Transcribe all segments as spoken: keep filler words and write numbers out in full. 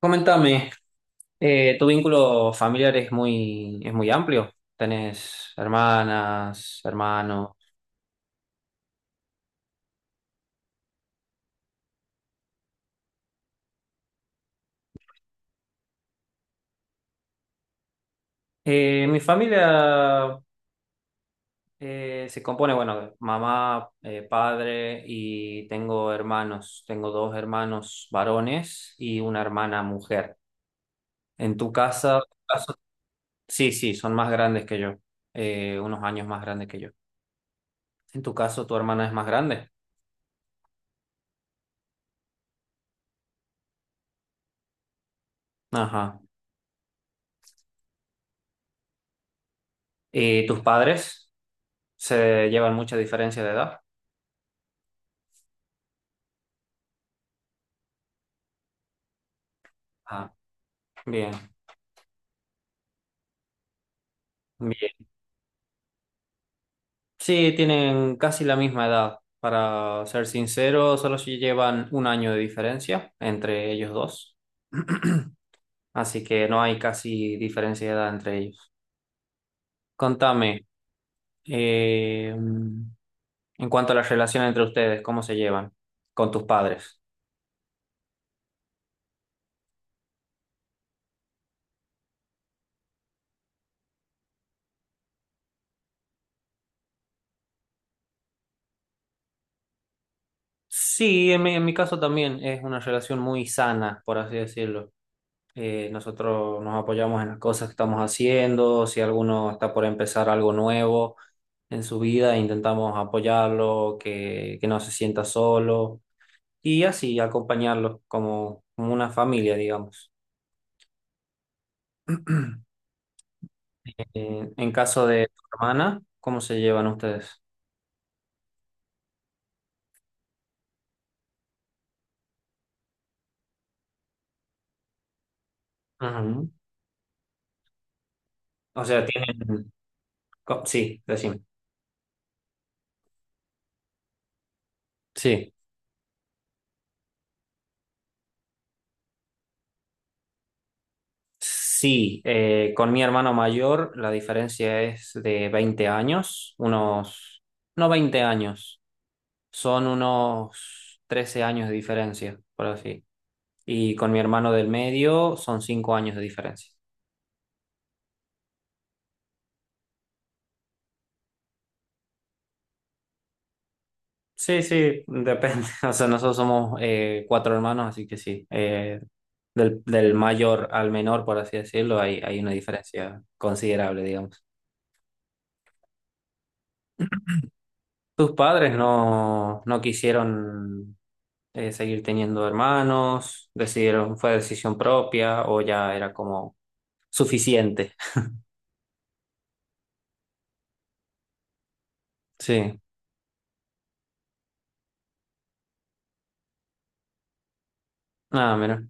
Coméntame, eh, ¿tu vínculo familiar es muy, es muy amplio? ¿Tenés hermanas, hermanos? Eh, mi familia, eh, se compone, bueno, de mamá, eh, padre y tengo hermanos. Tengo dos hermanos varones y una hermana mujer. En tu casa, tu caso- Sí, sí, son más grandes que yo, eh, unos años más grandes que yo. En tu caso, tu hermana es más grande. Ajá. ¿Y tus padres se llevan mucha diferencia de edad? Ah, bien, bien. Sí, tienen casi la misma edad. Para ser sincero, solo si llevan un año de diferencia entre ellos dos. Así que no hay casi diferencia de edad entre ellos. Contame, eh, en cuanto a la relación entre ustedes, ¿cómo se llevan con tus padres? Sí, en mi, en mi, caso también es una relación muy sana, por así decirlo. Eh, nosotros nos apoyamos en las cosas que estamos haciendo. Si alguno está por empezar algo nuevo en su vida, intentamos apoyarlo, que, que no se sienta solo, y así acompañarlo como, como una familia, digamos. Eh, en caso de tu hermana, ¿cómo se llevan ustedes? Ujú. O sea, tienen. co- Sí, decime. Sí. Sí, eh, con mi hermano mayor la diferencia es de veinte años, unos, no veinte años, son unos trece años de diferencia, por así. Y con mi hermano del medio son cinco años de diferencia. Sí, sí, depende. O sea, nosotros somos, eh, cuatro hermanos, así que sí. eh, del, del mayor al menor, por así decirlo, hay, hay, una diferencia considerable, digamos. ¿Tus padres no, no quisieron, eh, seguir teniendo hermanos? ¿Decidieron, fue decisión propia o ya era como suficiente? Sí. Ah, mira.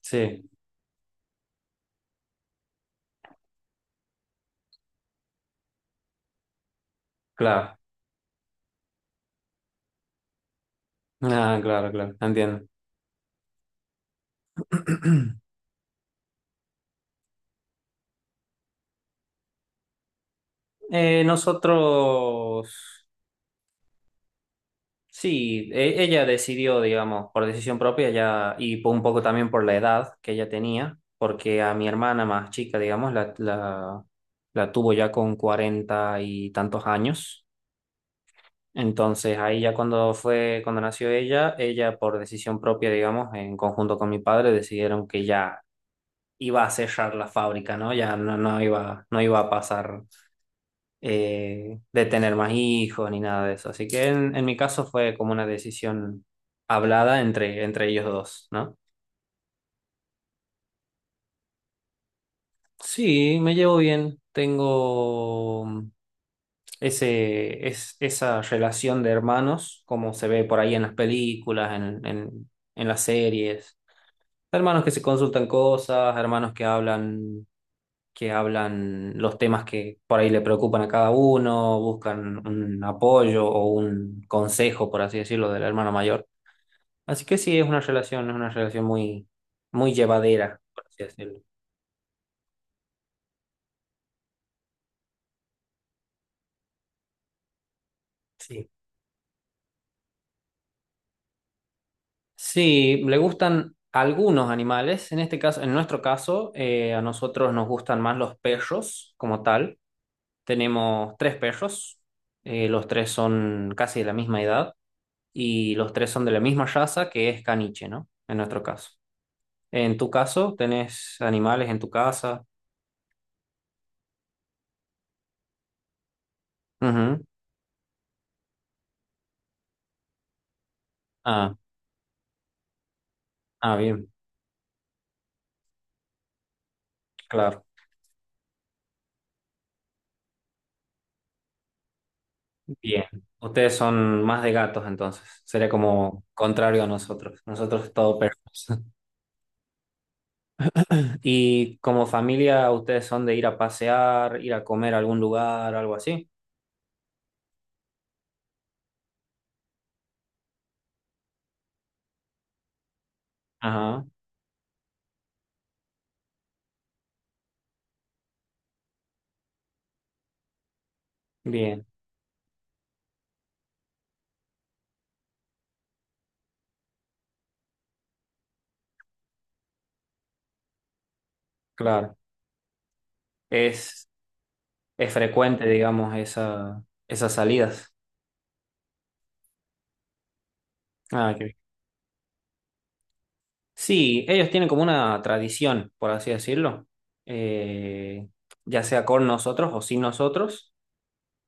Sí, claro. Ah, claro, claro. Entiendo. Eh, nosotros. Sí, e- ella decidió, digamos, por decisión propia ya, y por un poco también por la edad que ella tenía, porque a mi hermana más chica, digamos, la, la, la, tuvo ya con cuarenta y tantos años. Entonces ahí ya cuando fue, cuando nació ella, ella por decisión propia, digamos, en conjunto con mi padre, decidieron que ya iba a cerrar la fábrica, ¿no? Ya no, no iba, no iba a pasar, eh, de tener más hijos ni nada de eso. Así que en, en, mi caso fue como una decisión hablada entre, entre ellos dos, ¿no? Sí, me llevo bien. Tengo, mm, ese, es, esa relación de hermanos, como se ve por ahí en las películas, en, en, en, las series. Hermanos que se consultan cosas, hermanos que hablan que hablan los temas que por ahí le preocupan a cada uno, buscan un apoyo o un consejo, por así decirlo, del hermano mayor. Así que sí, es una relación, es una relación muy, muy llevadera, por así decirlo. Sí. Sí, le gustan algunos animales. En este caso, en nuestro caso, eh, a nosotros nos gustan más los perros como tal. Tenemos tres perros. eh, los tres son casi de la misma edad y los tres son de la misma raza, que es caniche, ¿no? En nuestro caso. En tu caso, ¿tenés animales en tu casa? Ujú. Ah, ah, bien, claro, bien. Ustedes son más de gatos, entonces. Sería como contrario a nosotros. Nosotros todo perros. ¿Y como familia, ustedes son de ir a pasear, ir a comer a algún lugar, algo así? Ajá, bien, claro. Es, es frecuente, digamos, esa, esas salidas. Ah, qué sí, ellos tienen como una tradición, por así decirlo. eh, ya sea con nosotros o sin nosotros.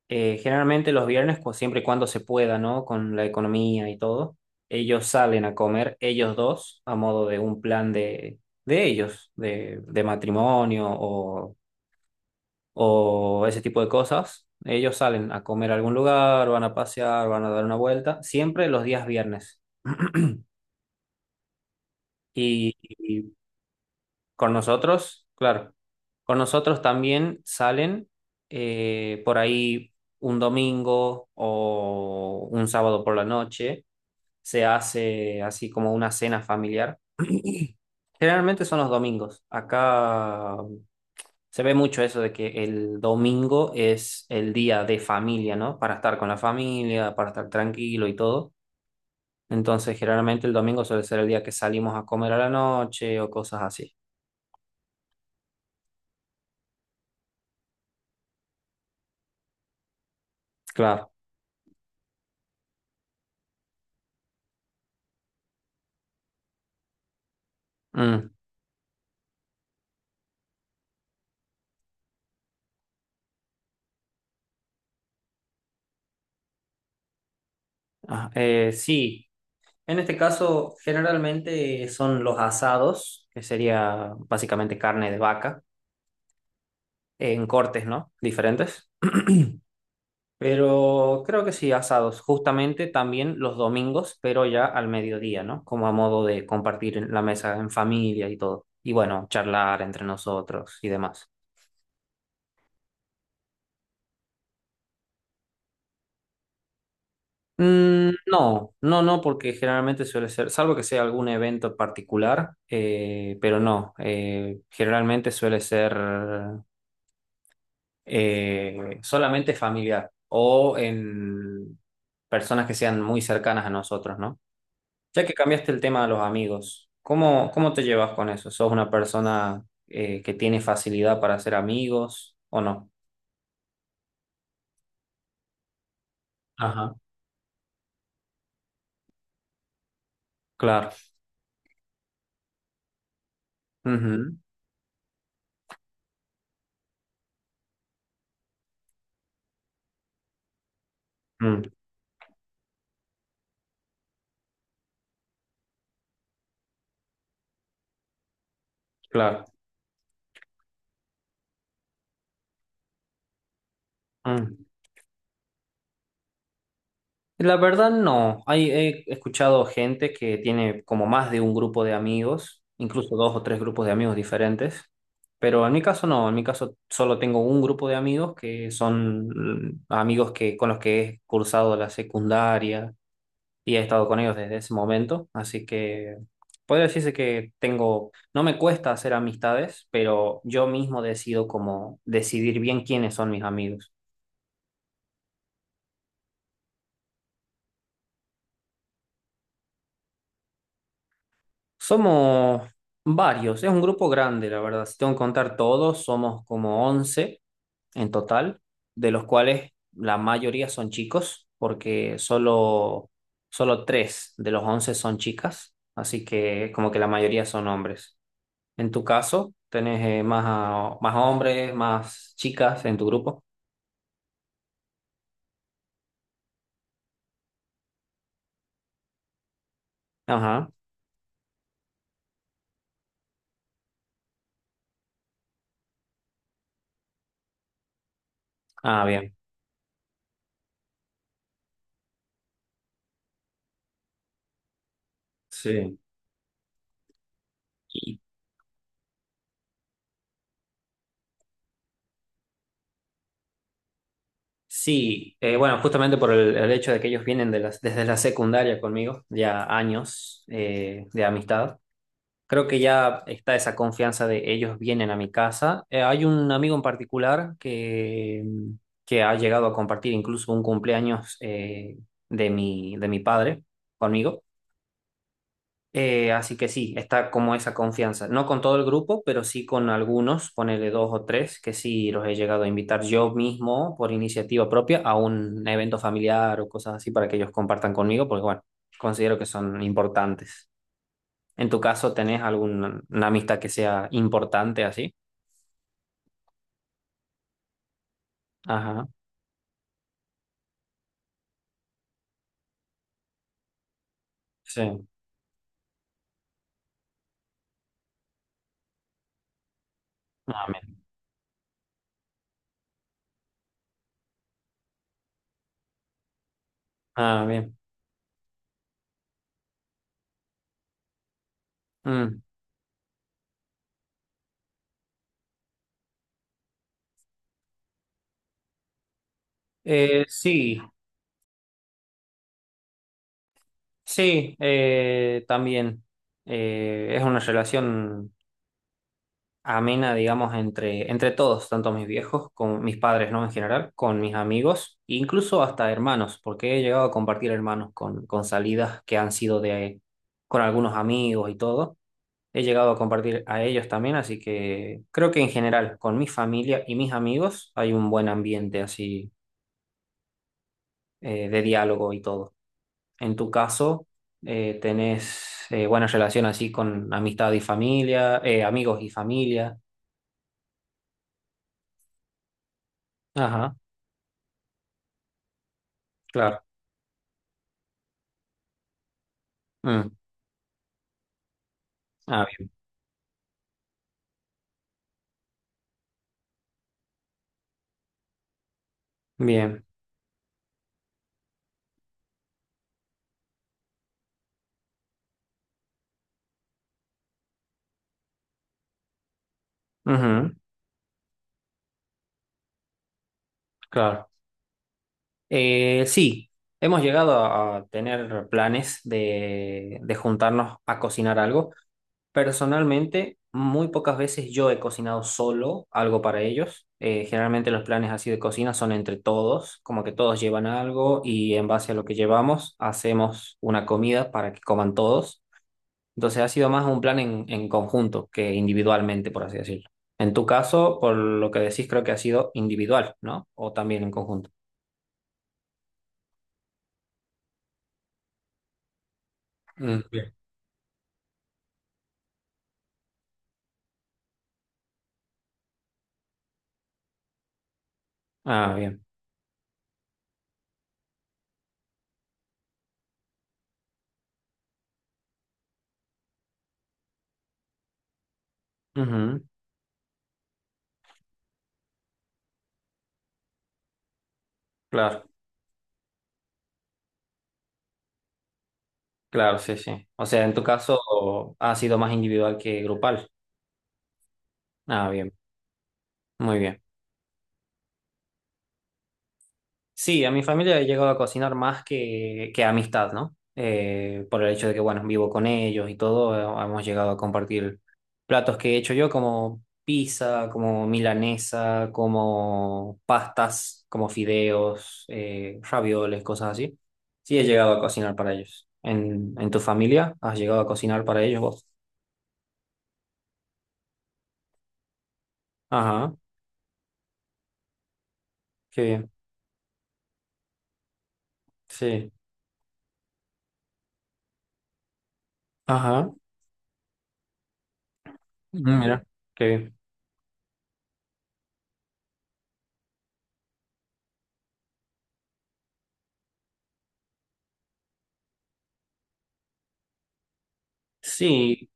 Eh, generalmente los viernes, cu- siempre y cuando se pueda, ¿no? Con la economía y todo, ellos salen a comer, ellos dos, a modo de un plan de, de ellos, de, de, matrimonio o, o ese tipo de cosas. Ellos salen a comer a algún lugar, van a pasear, van a dar una vuelta, siempre los días viernes. Y, Con nosotros, claro. Con nosotros también salen, eh, por ahí un domingo o un sábado por la noche. Se hace así como una cena familiar. Generalmente son los domingos. Acá se ve mucho eso de que el domingo es el día de familia, ¿no? Para estar con la familia, para estar tranquilo y todo. Entonces, generalmente el domingo suele ser el día que salimos a comer a la noche o cosas así. Claro. Mm. Ah, eh, sí, en este caso generalmente son los asados, que sería básicamente carne de vaca, en cortes, ¿no? Diferentes. Pero creo que sí, asados, justamente también los domingos, pero ya al mediodía, ¿no? Como a modo de compartir en la mesa en familia y todo. Y bueno, charlar entre nosotros y demás. Mm, no, no, no, porque generalmente suele ser, salvo que sea algún evento particular, eh, pero no, eh, generalmente suele ser. Eh, solamente familiar o en personas que sean muy cercanas a nosotros, ¿no? Ya que cambiaste el tema de los amigos, ¿cómo, cómo, te llevas con eso? ¿Sos una persona, eh, que tiene facilidad para hacer amigos o no? Ajá, claro. Ujú. Mm, claro. Mm. La verdad no. Hay, he escuchado gente que tiene como más de un grupo de amigos, incluso dos o tres grupos de amigos diferentes, pero en mi caso no. En mi caso solo tengo un grupo de amigos que son, mm, amigos que, con los que he cursado la secundaria y he estado con ellos desde ese momento. Así que podría decirse que tengo, no me cuesta hacer amistades, pero yo mismo decido como decidir bien quiénes son mis amigos. Somos varios, es un grupo grande, la verdad. Si tengo que contar todos, somos como once en total, de los cuales la mayoría son chicos, porque solo, solo tres de los once son chicas, así que como que la mayoría son hombres. En tu caso, tenés, eh, más, a- más hombres, más chicas en tu grupo. Ajá. Ah, bien. Sí. Sí, eh, bueno, justamente por el, el, hecho de que ellos vienen de las, desde la secundaria conmigo, ya años, eh, de amistad, creo que ya está esa confianza de ellos vienen a mi casa. Eh, hay un amigo en particular que, que ha llegado a compartir incluso un cumpleaños, eh, de mi, de mi padre conmigo. Eh, así que sí, está como esa confianza. No con todo el grupo, pero sí con algunos, ponele dos o tres, que sí los he llegado a invitar yo mismo por iniciativa propia a un evento familiar o cosas así para que ellos compartan conmigo, porque bueno, considero que son importantes. En tu caso, ¿tenés alguna una amistad que sea importante así? Ajá, sí. Ah, bien. Ah, bien. Mm. Eh, sí, sí, eh, también. Eh, es una relación amena, digamos, entre, entre, todos, tanto mis viejos, con mis padres, ¿no? En general, con mis amigos, e incluso hasta hermanos, porque he llegado a compartir hermanos con, con salidas que han sido de, con algunos amigos y todo. He llegado a compartir a ellos también, así que creo que en general, con mi familia y mis amigos, hay un buen ambiente así, eh, de diálogo y todo. En tu caso, eh, tenés, eh, buena relación así con amistad y familia, eh, amigos y familia. Ajá, claro. Mm. Ah, bien. Bien. Ujú, claro. Eh, sí, hemos llegado a, a, tener planes de, de juntarnos a cocinar algo. Personalmente, muy pocas veces yo he cocinado solo algo para ellos. Eh, generalmente los planes así de cocina son entre todos, como que todos llevan algo y en base a lo que llevamos hacemos una comida para que coman todos. Entonces ha sido más un plan en, en conjunto que individualmente, por así decirlo. En tu caso, por lo que decís, creo que ha sido individual, ¿no? O también en conjunto. Mm. Bien. Ah, bien. Ujú. Claro, claro, sí, sí. O sea, en tu caso ha sido más individual que grupal. Ah, bien, muy bien. Sí, a mi familia he llegado a cocinar más que, que amistad, ¿no? Eh, por el hecho de que, bueno, vivo con ellos y todo, eh, hemos llegado a compartir platos que he hecho yo, como pizza, como milanesa, como pastas, como fideos, eh, ravioles, cosas así. Sí, he llegado a cocinar para ellos. ¿En, en tu familia has llegado a cocinar para ellos vos? Ajá, qué bien. Sí. Ajá, mira, qué bien. Sí.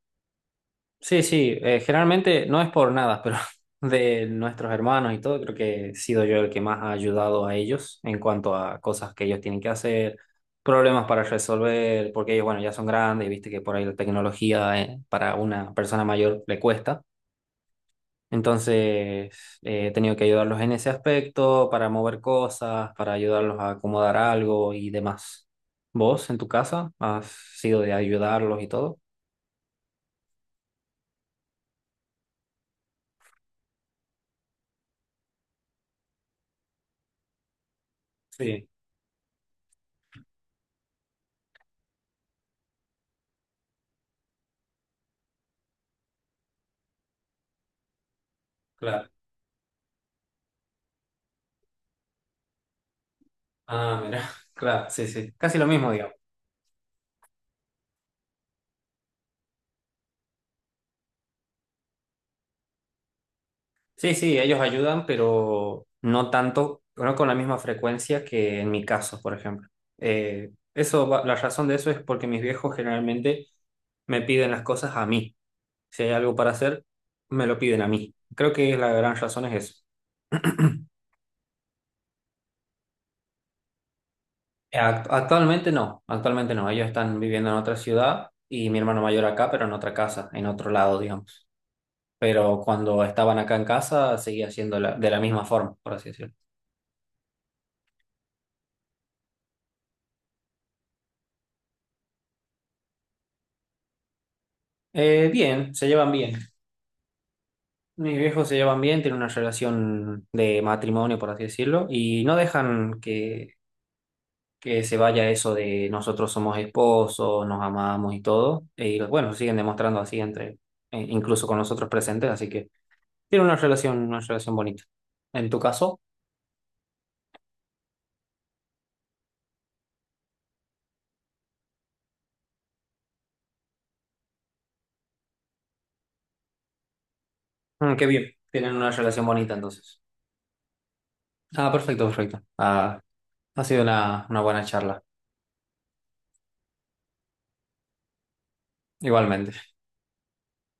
Sí, sí, eh, generalmente no es por nada, pero de nuestros hermanos y todo, creo que he sido yo el que más ha ayudado a ellos en cuanto a cosas que ellos tienen que hacer, problemas para resolver, porque ellos, bueno, ya son grandes y viste que por ahí la tecnología, eh, para una persona mayor le cuesta. Entonces, eh, he tenido que ayudarlos en ese aspecto, para mover cosas, para ayudarlos a acomodar algo y demás. ¿Vos en tu casa has sido de ayudarlos y todo? Sí, claro. Ah, mira, claro, sí, sí, casi lo mismo, digamos. Sí, sí, ellos ayudan, pero no tanto, no con la misma frecuencia que en mi caso, por ejemplo. Eh, eso, va- la razón de eso es porque mis viejos generalmente me piden las cosas a mí. Si hay algo para hacer, me lo piden a mí. Creo que la gran razón es eso. Eh, act- Actualmente no, actualmente no. Ellos están viviendo en otra ciudad y mi hermano mayor acá, pero en otra casa, en otro lado, digamos. Pero cuando estaban acá en casa, seguía siendo la- de la misma forma, por así decirlo. Eh, bien, se llevan bien. Mis viejos se llevan bien, tienen una relación de matrimonio, por así decirlo, y no dejan que, que se vaya eso de nosotros somos esposos, nos amamos y todo. Y bueno, siguen demostrando así entre, eh, incluso con nosotros presentes, así que tienen una relación, una relación, bonita. En tu caso. Mm, qué bien, tienen una relación bonita entonces. Ah, perfecto, perfecto. Ah, ha sido una, una buena charla. Igualmente.